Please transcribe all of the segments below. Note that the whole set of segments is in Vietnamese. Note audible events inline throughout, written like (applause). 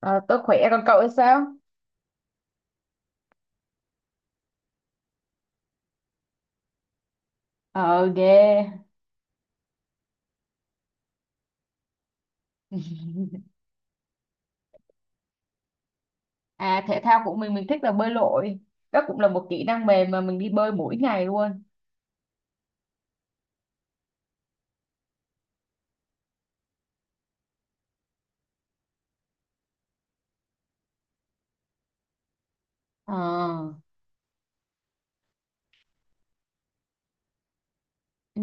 Ờ, tôi khỏe còn cậu thì sao? Ờ ghê. (laughs) À, thể thao của mình thích là bơi lội. Đó cũng là một kỹ năng mềm mà mình đi bơi mỗi ngày luôn. Ờ. Ừ.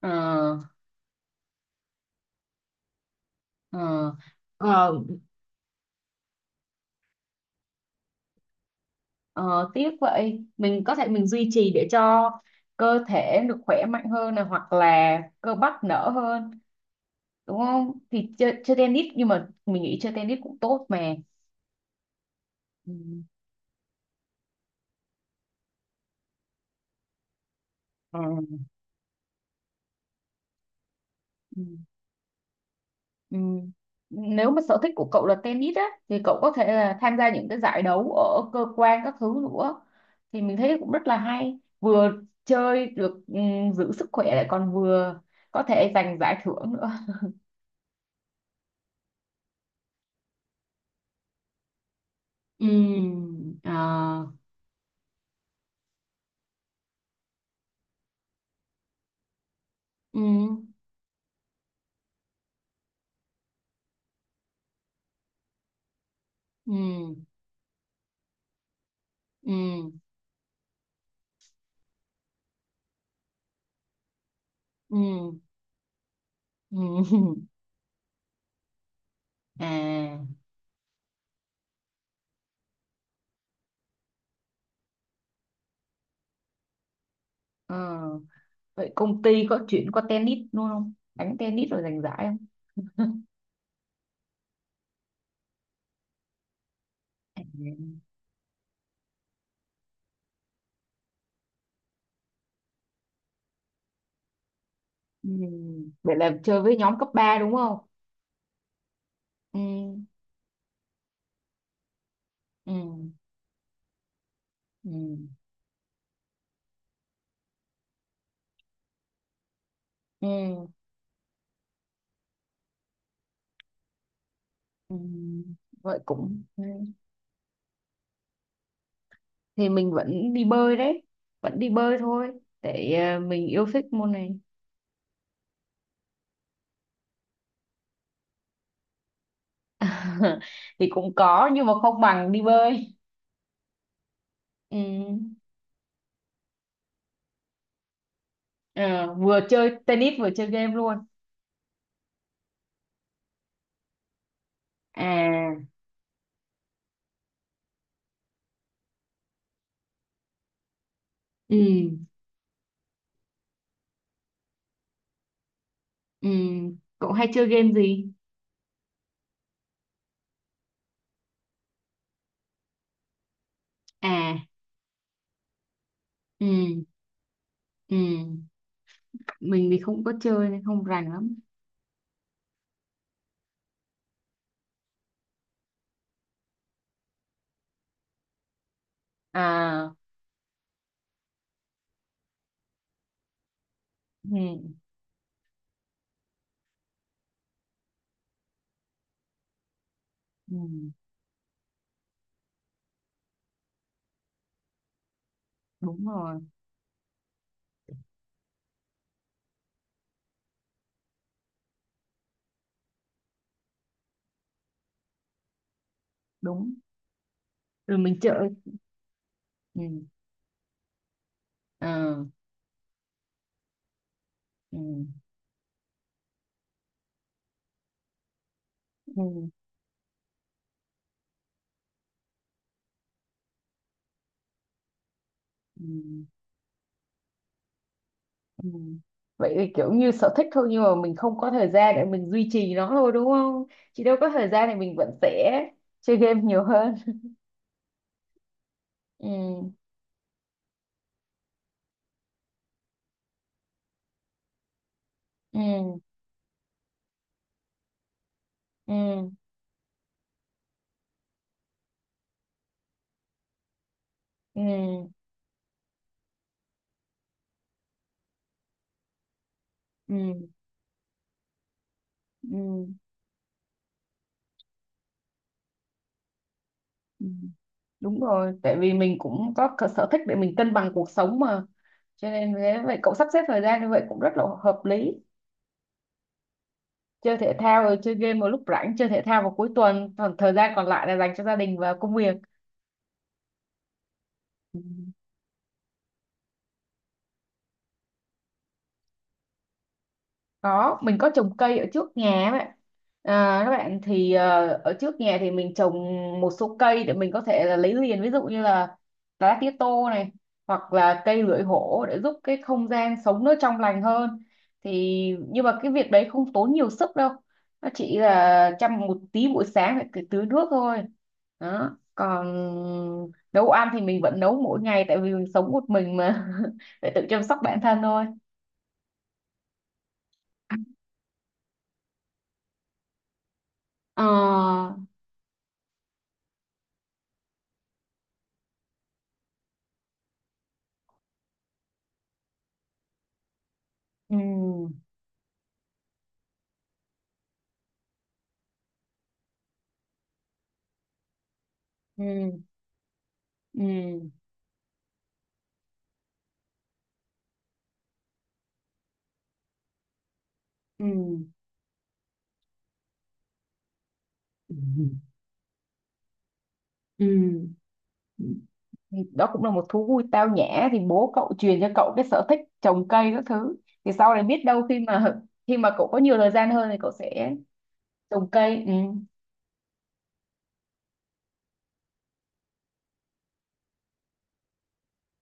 Ờ. Ờ. Ờ. Ờ, tiếc vậy. Mình có thể mình duy trì để cho cơ thể được khỏe mạnh hơn này hoặc là cơ bắp nở hơn, đúng không? Thì chơi tennis nhưng mà mình nghĩ chơi tennis cũng tốt mà. Ừ. Ờ. Ừ. Ừ. Nếu mà sở thích của cậu là tennis á thì cậu có thể là tham gia những cái giải đấu ở cơ quan các thứ nữa thì mình thấy cũng rất là hay, vừa chơi được, giữ sức khỏe lại còn vừa có thể giành giải thưởng nữa. Ừ. Ờ. Ừ. Ừ. Ừ. Ừ. Ừ. (laughs) À. Ờ, vậy công ty có chuyện có tennis luôn không, đánh tennis rồi giành giải không? Ừ, vậy là chơi với nhóm cấp 3 đúng không? Ừ. Ừ. Ừ. Ừ. Ừ. Vậy cũng ừ. Thì mình vẫn đi bơi đấy, vẫn đi bơi thôi để mình yêu thích môn này. (laughs) Thì cũng có nhưng mà không bằng đi bơi. Ừ. Ờ, vừa chơi tennis vừa chơi game luôn. À. Ừ. Ừ. Cậu hay chơi game gì? À. Ừ. Ừ. Mình thì không có chơi nên không rành lắm. À. Ừ. Ừ. Đúng rồi. Đúng rồi mình chơi. Ừ. Ờ. Ừ. Ừ. Ừ. Ừ. Vậy thì kiểu như sở thích thôi nhưng mà mình không có thời gian để mình duy trì nó thôi đúng không? Chị đâu có thời gian thì mình vẫn sẽ chơi game nhiều hơn. Ừ. Ừ. Ừ. Ừ. Ừ. Ừ. Ừ. Đúng rồi, tại vì mình cũng có cái sở thích để mình cân bằng cuộc sống mà. Cho nên thế vậy cậu sắp xếp thời gian như vậy cũng rất là hợp lý. Chơi thể thao rồi chơi game vào lúc rảnh, chơi thể thao vào cuối tuần, còn thời gian còn lại là dành cho gia đình và công việc. Ừ. Có mình có trồng cây ở trước nhà ấy bạn. À, các bạn thì ở trước nhà thì mình trồng một số cây để mình có thể là lấy liền, ví dụ như là lá tía tô này hoặc là cây lưỡi hổ để giúp cái không gian sống nó trong lành hơn. Thì nhưng mà cái việc đấy không tốn nhiều sức đâu, nó chỉ là chăm một tí buổi sáng phải cứ tưới nước thôi đó. Còn nấu ăn thì mình vẫn nấu mỗi ngày tại vì mình sống một mình mà, (laughs) phải tự chăm sóc bản thân thôi. Ờ. Ừ. Ừ. Ừ. Ừ. Ừ. Ừ. Thì đó cũng là một thú vui tao nhã, thì bố cậu truyền cho cậu cái sở thích trồng cây các thứ thì sau này biết đâu khi mà (laughs) khi mà cậu có nhiều thời gian hơn thì cậu sẽ trồng cây. Ừ.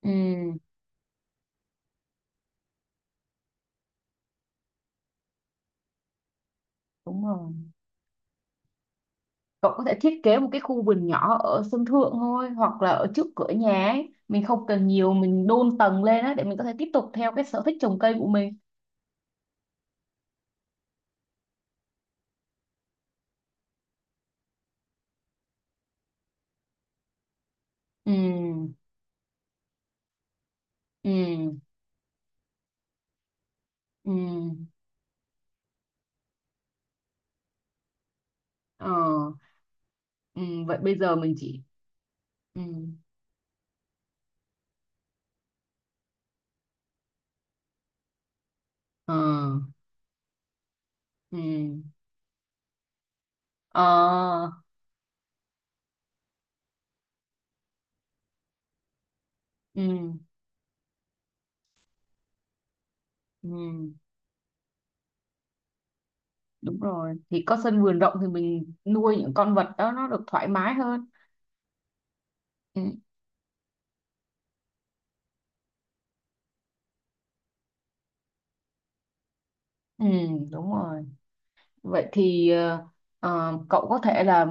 Ừ. Đúng rồi, cậu có thể thiết kế một cái khu vườn nhỏ ở sân thượng thôi hoặc là ở trước cửa nhà ấy, mình không cần nhiều, mình đôn tầng lên á để mình có thể tiếp tục theo cái sở thích trồng cây của mình. Ừ. Ừ. Ừ. Ừ. Ờ. Ừ, vậy bây giờ mình chỉ. Ừ. Ờ. Ừ. Ờ. Ừ. Ừ. Đúng rồi, thì có sân vườn rộng thì mình nuôi những con vật đó nó được thoải mái hơn. Ừ. Ừ. Đúng rồi. Vậy thì cậu có thể là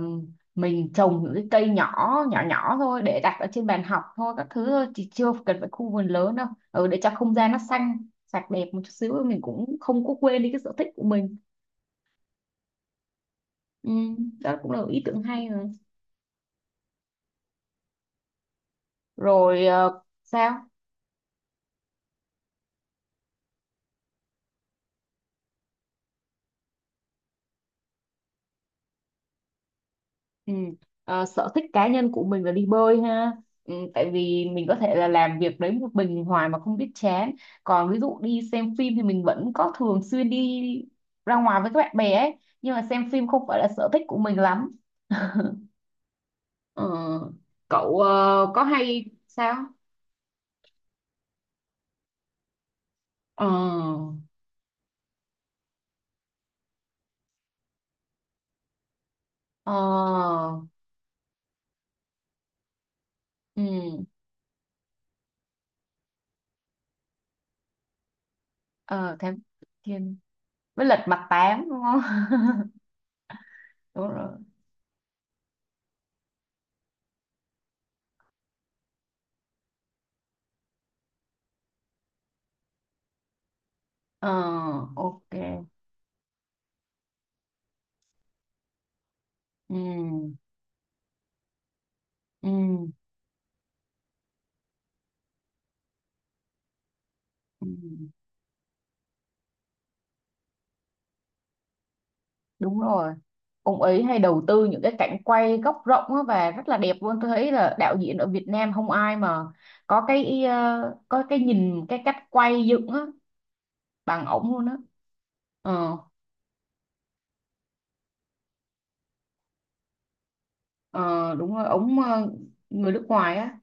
mình trồng những cái cây nhỏ nhỏ nhỏ thôi để đặt ở trên bàn học thôi các thứ thôi thì chưa cần phải khu vườn lớn đâu, ừ, để cho không gian nó xanh sạch đẹp một chút xíu mình cũng không có quên đi cái sở thích của mình. Ừ, đó cũng là một ý tưởng hay rồi. Rồi ờ, sao. Ừ. À, sở thích cá nhân của mình là đi bơi ha, ừ, tại vì mình có thể là làm việc đấy một mình hoài mà không biết chán. Còn ví dụ đi xem phim thì mình vẫn có thường xuyên đi ra ngoài với các bạn bè ấy nhưng mà xem phim không phải là sở thích của mình lắm. Ờ, cậu ờ, có hay sao. Ờ. Ờ. Ừ. Ờ thám thiên với lật mặt tám đúng không? (laughs) Đúng rồi. Ờ. Ok. Ừ. Ừ. Ừ. Đúng rồi, ông ấy hay đầu tư những cái cảnh quay góc rộng á và rất là đẹp luôn. Tôi thấy là đạo diễn ở Việt Nam không ai mà có cái có cái nhìn cái cách quay dựng á bằng ổng luôn á. Ờ. Ờ, đúng rồi ổng ờ, người nước ngoài á.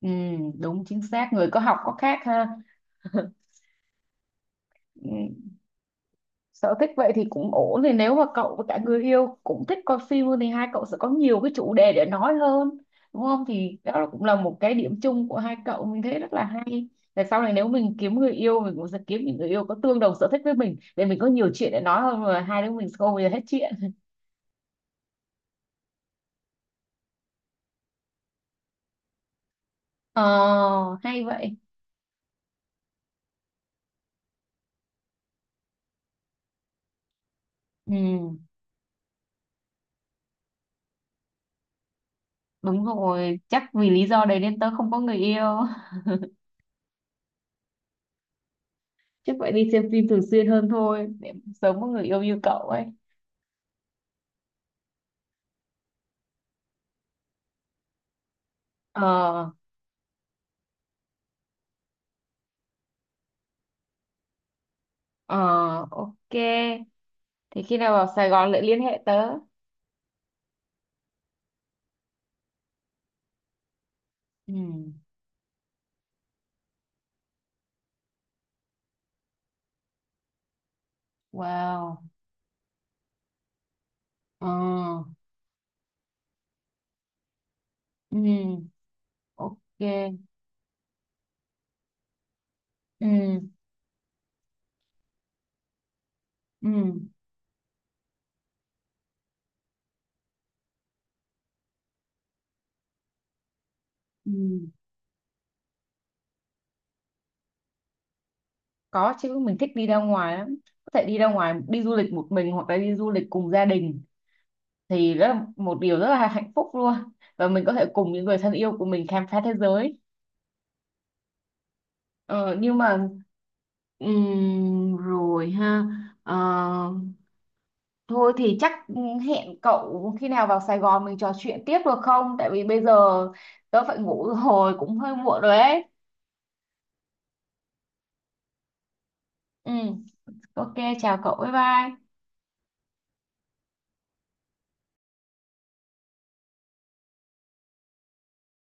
Ừ, đúng chính xác người có học có khác ha. Ừ. Sở thích vậy thì cũng ổn, thì nếu mà cậu và cả người yêu cũng thích coi phim thì hai cậu sẽ có nhiều cái chủ đề để nói hơn, đúng không? Thì đó cũng là một cái điểm chung của hai cậu, mình thấy rất là hay. Tại sau này nếu mình kiếm người yêu mình cũng sẽ kiếm những người yêu có tương đồng sở thích với mình để mình có nhiều chuyện để nói hơn mà hai đứa mình sẽ không bao giờ hết chuyện. Ờ hay vậy. Ừ, đúng rồi, chắc vì lý do đấy nên tớ không có người yêu. (laughs) Chắc phải đi xem phim thường xuyên hơn thôi để sớm có người yêu như cậu ấy. Ờ. Ờ. Ok. Thế khi nào vào Sài Gòn lại liên hệ tớ. Ừ. Wow. Ờ. Ừ. Ok. Ừ. Ừ. Ừ. Có chứ, mình thích đi ra ngoài lắm. Có thể đi ra ngoài đi du lịch một mình hoặc là đi du lịch cùng gia đình thì rất là một điều rất là (laughs) hạnh phúc luôn. Và mình có thể cùng những người thân yêu của mình khám phá thế giới. Ờ, nhưng mà rồi ha. Ờ, thôi thì chắc hẹn cậu khi nào vào Sài Gòn mình trò chuyện tiếp được không? Tại vì bây giờ tớ phải ngủ rồi, cũng hơi muộn rồi ấy. Ừ, ok, chào cậu, bye bye.